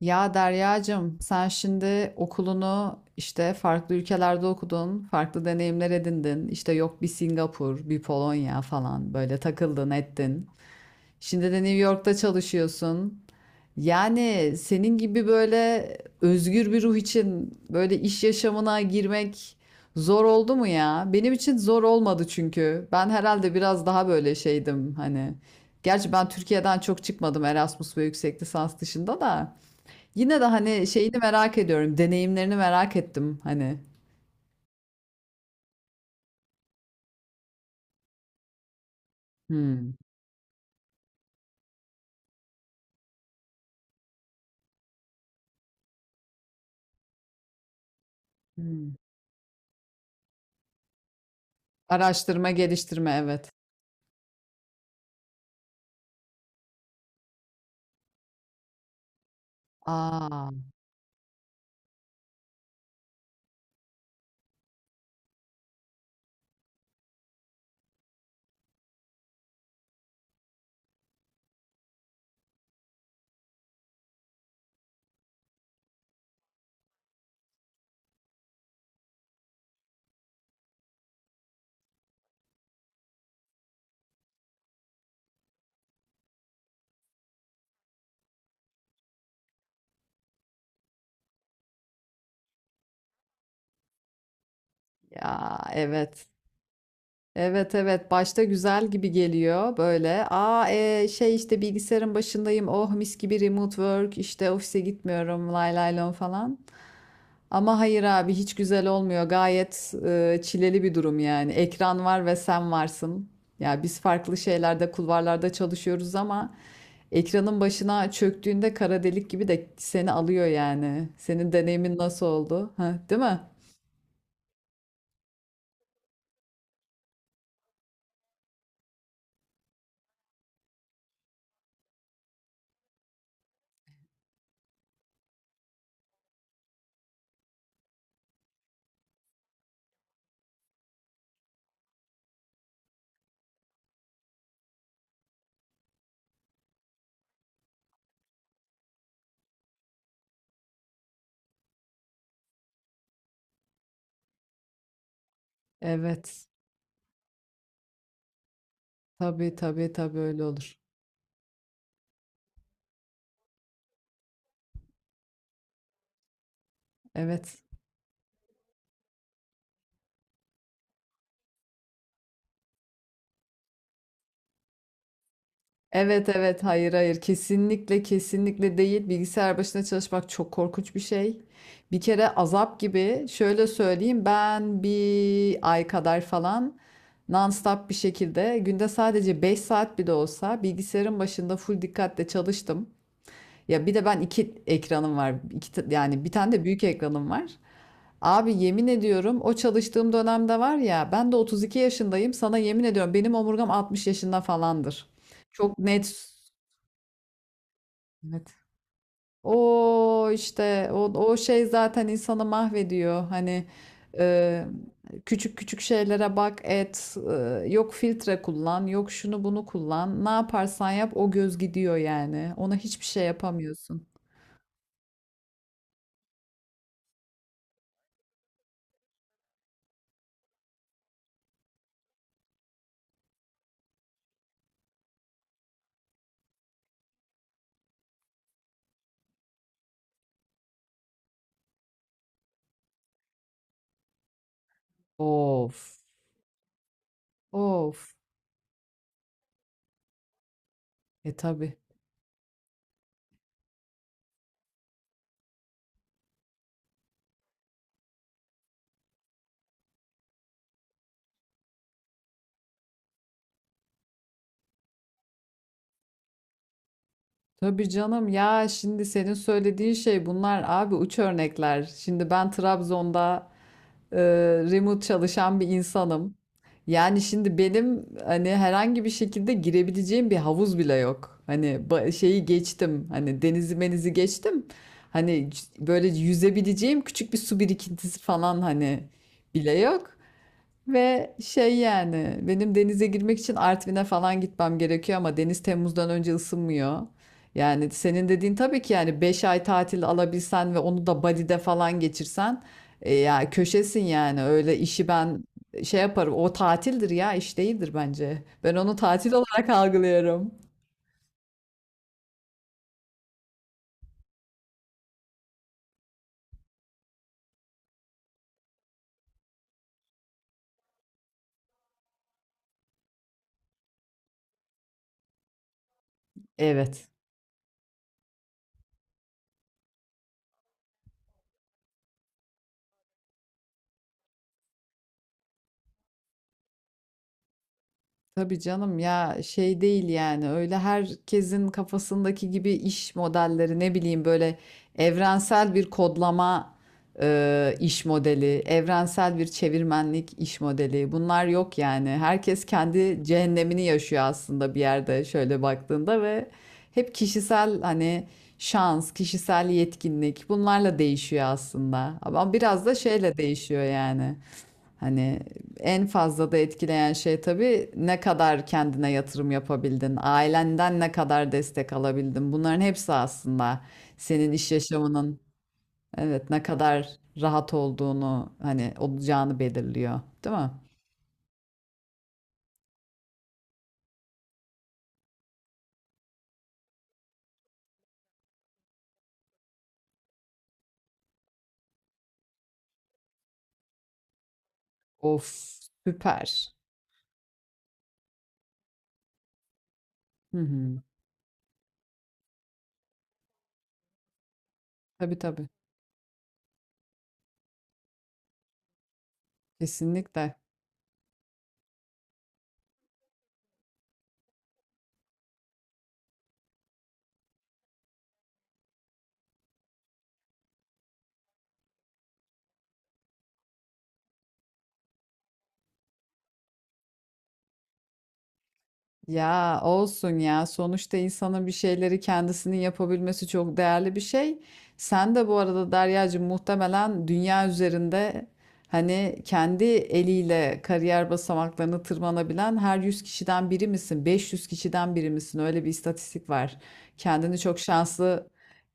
Ya Deryacığım, sen şimdi okulunu işte farklı ülkelerde okudun, farklı deneyimler edindin. İşte yok bir Singapur, bir Polonya falan böyle takıldın ettin. Şimdi de New York'ta çalışıyorsun. Yani senin gibi böyle özgür bir ruh için böyle iş yaşamına girmek zor oldu mu ya? Benim için zor olmadı çünkü. Ben herhalde biraz daha böyle şeydim hani. Gerçi ben Türkiye'den çok çıkmadım Erasmus ve yüksek lisans dışında da. Yine de hani şeyini merak ediyorum. Deneyimlerini merak ettim hani. Hımm. Hımm. Araştırma, geliştirme, evet. A! Ya, evet. Evet, evet. Başta güzel gibi geliyor böyle. A, şey, işte, bilgisayarın başındayım, oh mis gibi remote work, işte, ofise gitmiyorum, lay lay lom falan. Ama hayır abi hiç güzel olmuyor. Gayet çileli bir durum yani. Ekran var ve sen varsın. Ya biz farklı şeylerde, kulvarlarda çalışıyoruz ama ekranın başına çöktüğünde kara delik gibi de seni alıyor yani. Senin deneyimin nasıl oldu? Ha, değil mi? Evet. Tabii, tabii, tabii, öyle olur. Evet. Evet, evet, hayır, hayır, kesinlikle kesinlikle değil, bilgisayar başında çalışmak çok korkunç bir şey. Bir kere azap gibi şöyle söyleyeyim, ben bir ay kadar falan nonstop bir şekilde günde sadece 5 saat bile olsa bilgisayarın başında full dikkatle çalıştım. Ya bir de ben iki ekranım var. İki, yani bir tane de büyük ekranım var. Abi yemin ediyorum, o çalıştığım dönemde var ya, ben de 32 yaşındayım, sana yemin ediyorum benim omurgam 60 yaşında falandır. Çok net. Evet. O işte o şey zaten insanı mahvediyor. Hani e, küçük küçük şeylere bak et yok filtre kullan yok şunu bunu kullan, ne yaparsan yap o göz gidiyor yani, ona hiçbir şey yapamıyorsun. Of. Of. E tabii. Tabii canım, ya şimdi senin söylediğin şey bunlar abi, uç örnekler. Şimdi ben Trabzon'da e, remote çalışan bir insanım. Yani şimdi benim hani herhangi bir şekilde girebileceğim bir havuz bile yok. Hani şeyi geçtim. Hani denizi menizi geçtim. Hani böyle yüzebileceğim küçük bir su birikintisi falan hani bile yok. Ve şey yani, benim denize girmek için Artvin'e falan gitmem gerekiyor ama deniz Temmuz'dan önce ısınmıyor. Yani senin dediğin, tabii ki yani 5 ay tatil alabilsen ve onu da Bali'de falan geçirsen, ya köşesin yani, öyle işi ben şey yaparım, o tatildir ya, iş değildir bence. Ben onu tatil olarak algılıyorum. Evet. Tabii canım, ya şey değil yani, öyle herkesin kafasındaki gibi iş modelleri, ne bileyim, böyle evrensel bir kodlama iş modeli, evrensel bir çevirmenlik iş modeli, bunlar yok yani. Herkes kendi cehennemini yaşıyor aslında, bir yerde şöyle baktığında. Ve hep kişisel hani şans, kişisel yetkinlik, bunlarla değişiyor aslında. Ama biraz da şeyle değişiyor yani. Hani en fazla da etkileyen şey tabii, ne kadar kendine yatırım yapabildin, ailenden ne kadar destek alabildin. Bunların hepsi aslında senin iş yaşamının, evet, ne kadar rahat olduğunu, hani olacağını belirliyor, değil mi? Of, süper. Hı hı. Tabii, tabii. Kesinlikle. Ya olsun ya. Sonuçta insanın bir şeyleri kendisinin yapabilmesi çok değerli bir şey. Sen de bu arada Deryacığım, muhtemelen dünya üzerinde hani kendi eliyle kariyer basamaklarını tırmanabilen her 100 kişiden biri misin, 500 kişiden biri misin? Öyle bir istatistik var. Kendini çok şanslı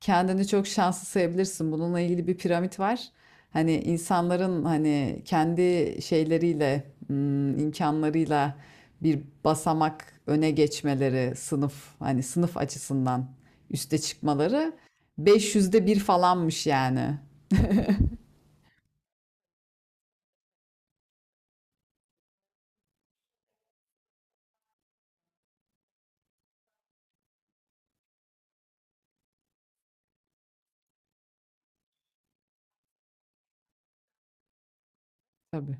kendini çok şanslı sayabilirsin. Bununla ilgili bir piramit var. Hani insanların hani kendi şeyleriyle, imkanlarıyla bir basamak öne geçmeleri, hani sınıf açısından üste çıkmaları, 500'de 1 falanmış yani. Tabii.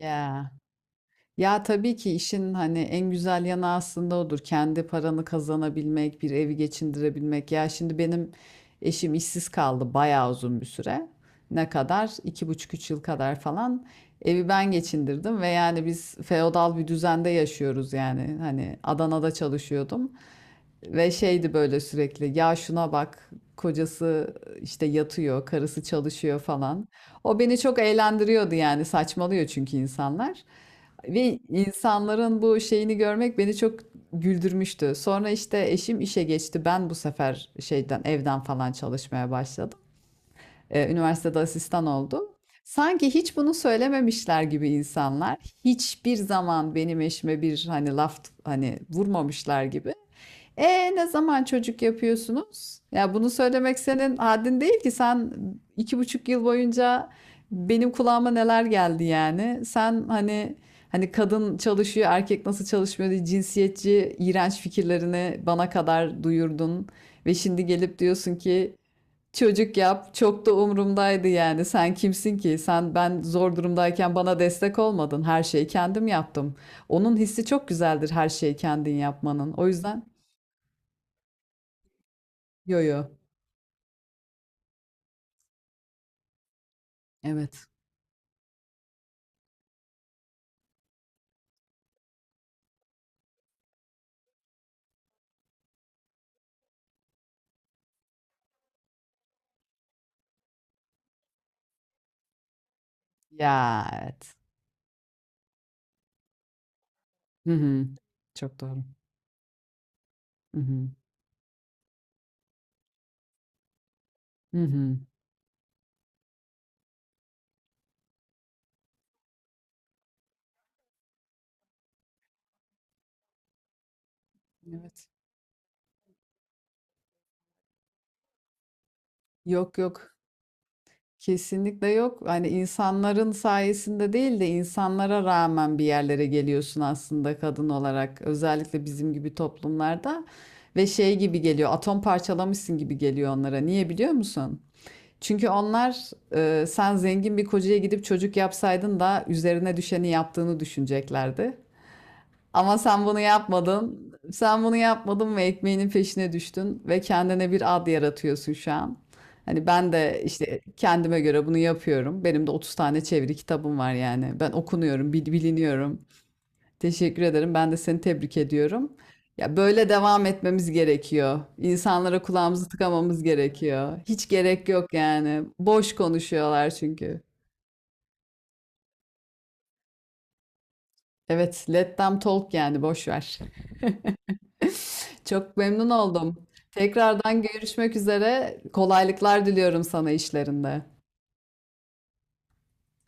Ya. Ya tabii ki işin hani en güzel yanı aslında odur. Kendi paranı kazanabilmek, bir evi geçindirebilmek. Ya şimdi benim eşim işsiz kaldı bayağı uzun bir süre. Ne kadar? İki buçuk üç yıl kadar falan. Evi ben geçindirdim ve yani biz feodal bir düzende yaşıyoruz yani. Hani Adana'da çalışıyordum. Ve şeydi böyle sürekli, ya şuna bak, kocası işte yatıyor, karısı çalışıyor falan. O beni çok eğlendiriyordu yani, saçmalıyor çünkü insanlar. Ve insanların bu şeyini görmek beni çok güldürmüştü. Sonra işte eşim işe geçti. Ben bu sefer şeyden, evden falan çalışmaya başladım. Üniversitede asistan oldum. Sanki hiç bunu söylememişler gibi insanlar, hiçbir zaman benim eşime bir hani laf hani vurmamışlar gibi. E, ne zaman çocuk yapıyorsunuz? Ya bunu söylemek senin haddin değil ki. Sen 2,5 yıl boyunca benim kulağıma neler geldi yani. Sen hani kadın çalışıyor, erkek nasıl çalışmıyor diye cinsiyetçi, iğrenç fikirlerini bana kadar duyurdun. Ve şimdi gelip diyorsun ki çocuk yap. Çok da umurumdaydı yani. Sen kimsin ki? Sen, ben zor durumdayken bana destek olmadın. Her şeyi kendim yaptım. Onun hissi çok güzeldir her şeyi kendin yapmanın. O yüzden. Yo, yo. Evet. Ya, evet. Hı hı. Çok doğru. Hı hı. Hı hı. Evet. Yok, yok. Kesinlikle yok. Hani insanların sayesinde değil de insanlara rağmen bir yerlere geliyorsun aslında, kadın olarak. Özellikle bizim gibi toplumlarda ve şey gibi geliyor. Atom parçalamışsın gibi geliyor onlara. Niye biliyor musun? Çünkü onlar, sen zengin bir kocaya gidip çocuk yapsaydın da üzerine düşeni yaptığını düşüneceklerdi. Ama sen bunu yapmadın. Sen bunu yapmadın ve ekmeğinin peşine düştün ve kendine bir ad yaratıyorsun şu an. Hani ben de işte kendime göre bunu yapıyorum. Benim de 30 tane çeviri kitabım var yani. Ben okunuyorum, biliniyorum. Teşekkür ederim. Ben de seni tebrik ediyorum. Ya böyle devam etmemiz gerekiyor. İnsanlara kulağımızı tıkamamız gerekiyor. Hiç gerek yok yani. Boş konuşuyorlar çünkü. Evet, let them talk, yani boş ver. Çok memnun oldum. Tekrardan görüşmek üzere. Kolaylıklar diliyorum sana işlerinde.